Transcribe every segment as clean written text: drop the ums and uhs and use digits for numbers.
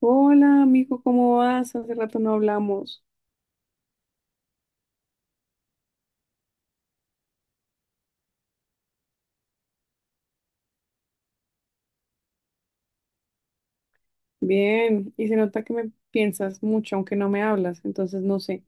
Hola, amigo, ¿cómo vas? Hace rato no hablamos. Bien, y se nota que me piensas mucho, aunque no me hablas, entonces no sé.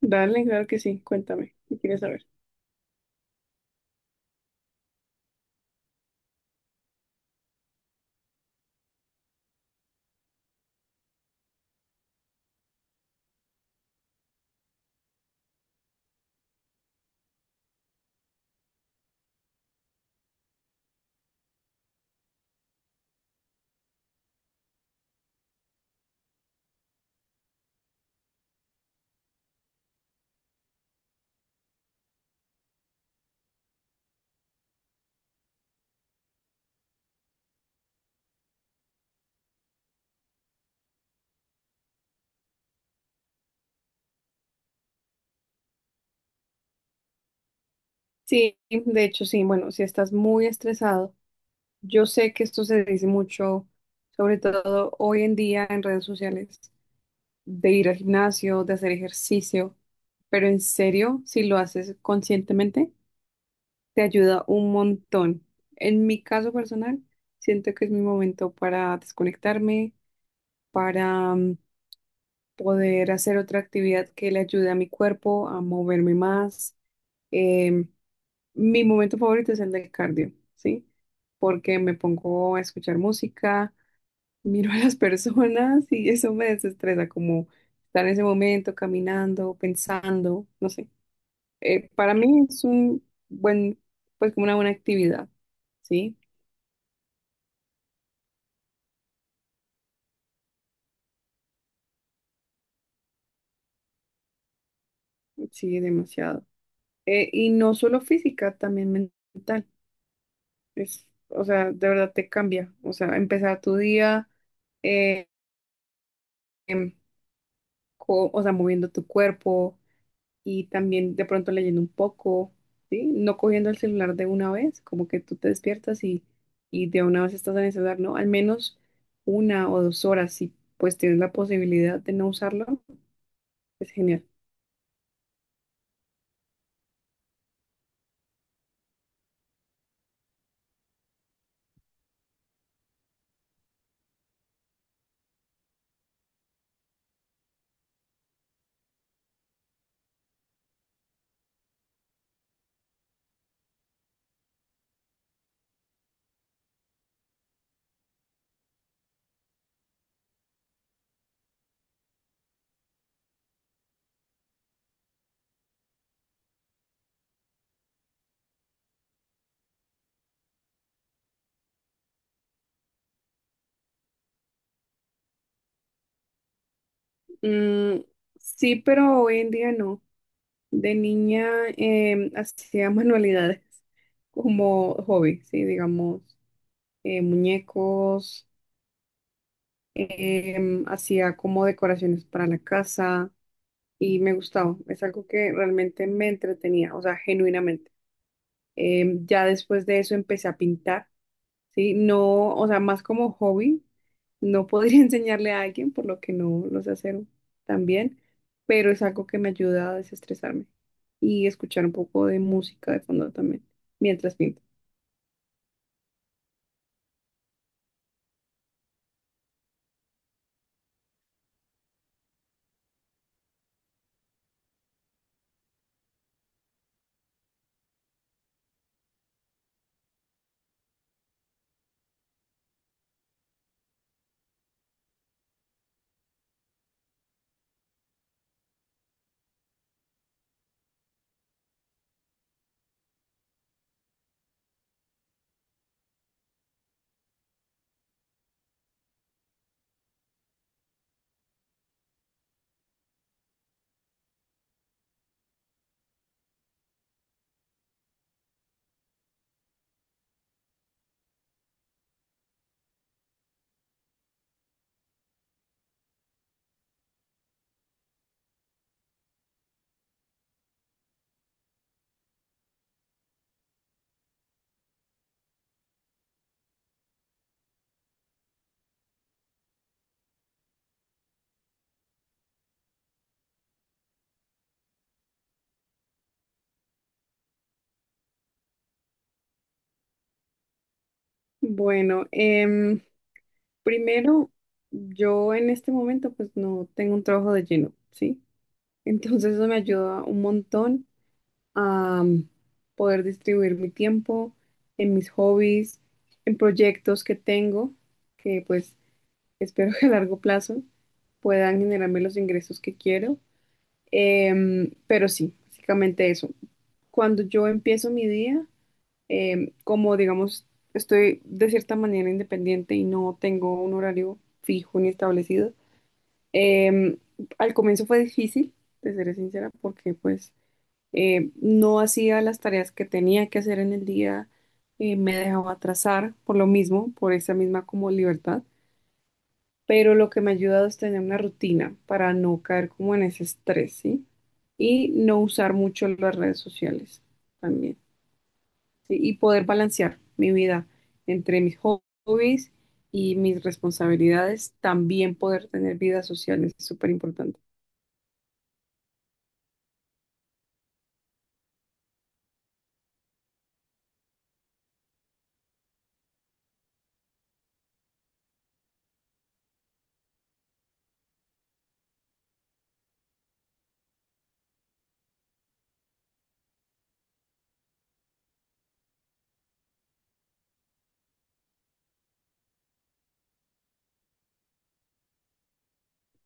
Dale, claro que sí, cuéntame, ¿qué quieres saber? Sí, de hecho sí, bueno, si estás muy estresado, yo sé que esto se dice mucho, sobre todo hoy en día en redes sociales, de ir al gimnasio, de hacer ejercicio, pero en serio, si lo haces conscientemente, te ayuda un montón. En mi caso personal, siento que es mi momento para desconectarme, para poder hacer otra actividad que le ayude a mi cuerpo a moverme más. Em, Mi momento favorito es el del cardio, ¿sí? Porque me pongo a escuchar música, miro a las personas y eso me desestresa, como estar en ese momento caminando, pensando, no sé. Para mí es un buen, pues como una buena actividad, ¿sí? Sí, demasiado. Y no solo física, también mental. Es, o sea, de verdad te cambia. O sea, empezar tu día, eh, em, o sea, moviendo tu cuerpo y también de pronto leyendo un poco, ¿sí? No cogiendo el celular de una vez, como que tú te despiertas y de una vez estás en el celular, ¿no? Al menos una o dos horas, si pues tienes la posibilidad de no usarlo, es genial. Mm, sí, pero hoy en día no. De niña hacía manualidades como hobby, sí, digamos, muñecos, hacía como decoraciones para la casa y me gustaba. Es algo que realmente me entretenía, o sea, genuinamente. Ya después de eso empecé a pintar. Sí, no, o sea, más como hobby, no podría enseñarle a alguien, por lo que no lo sé hacer tan bien, pero es algo que me ayuda a desestresarme y escuchar un poco de música de fondo también, mientras pinto. Bueno, primero, yo en este momento pues no tengo un trabajo de lleno, ¿sí? Entonces eso me ayuda un montón a poder distribuir mi tiempo en mis hobbies, en proyectos que tengo, que pues espero que a largo plazo puedan generarme los ingresos que quiero. Pero sí, básicamente eso. Cuando yo empiezo mi día, como digamos, estoy de cierta manera independiente y no tengo un horario fijo ni establecido, em, al comienzo fue difícil, te seré sincera, porque pues no hacía las tareas que tenía que hacer en el día, me dejaba atrasar por lo mismo, por esa misma como libertad. Pero lo que me ha ayudado es tener una rutina para no caer como en ese estrés, ¿sí? Y no usar mucho las redes sociales también, ¿sí? Y poder balancear mi vida entre mis hobbies y mis responsabilidades, también poder tener vida social es súper importante.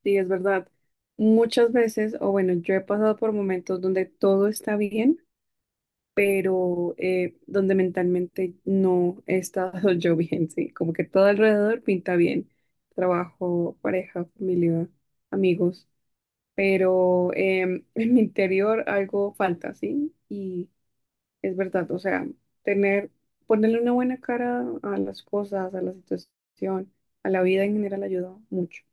Sí, es verdad. Muchas veces, o bueno, yo he pasado por momentos donde todo está bien pero donde mentalmente no he estado yo bien, sí, como que todo alrededor pinta bien, trabajo, pareja, familia, amigos, pero en mi interior algo falta, sí, y es verdad, o sea, tener, ponerle una buena cara a las cosas, a la situación, a la vida en general ayuda mucho.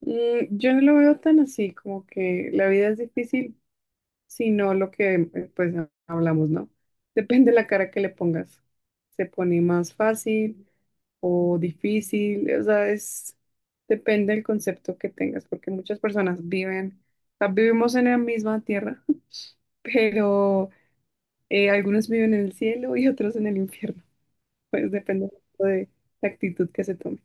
Mm, yo no lo veo tan así, como que la vida es difícil, sino lo que pues hablamos, ¿no? Depende de la cara que le pongas. Se pone más fácil o difícil, o sea, es depende del concepto que tengas, porque muchas personas viven, o sea, vivimos en la misma tierra, pero algunos viven en el cielo y otros en el infierno. Pues depende mucho de la actitud que se tome.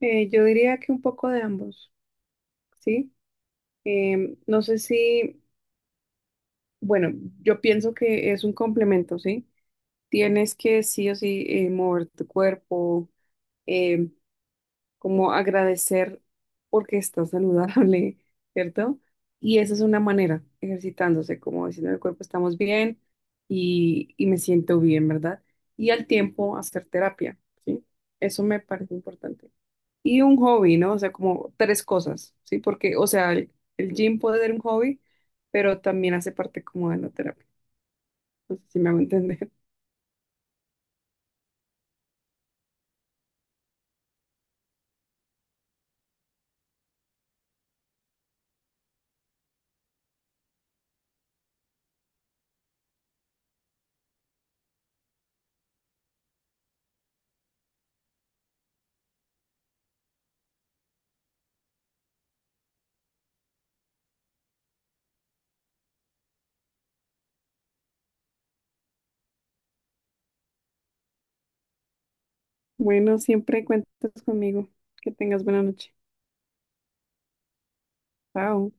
Yo diría que un poco de ambos, ¿sí? No sé si, bueno, yo pienso que es un complemento, ¿sí? Tienes que sí o sí mover tu cuerpo, eh, como agradecer porque estás saludable, ¿cierto? Y esa es una manera, ejercitándose, como diciendo al cuerpo estamos bien y me siento bien, ¿verdad? Y al tiempo hacer terapia, ¿sí? Eso me parece importante. Y un hobby, ¿no? O sea, como tres cosas, ¿sí? Porque, o sea, el gym puede ser un hobby, pero también hace parte como de la terapia. No sé si me hago entender. Bueno, siempre cuentas conmigo. Que tengas buena noche. Chao.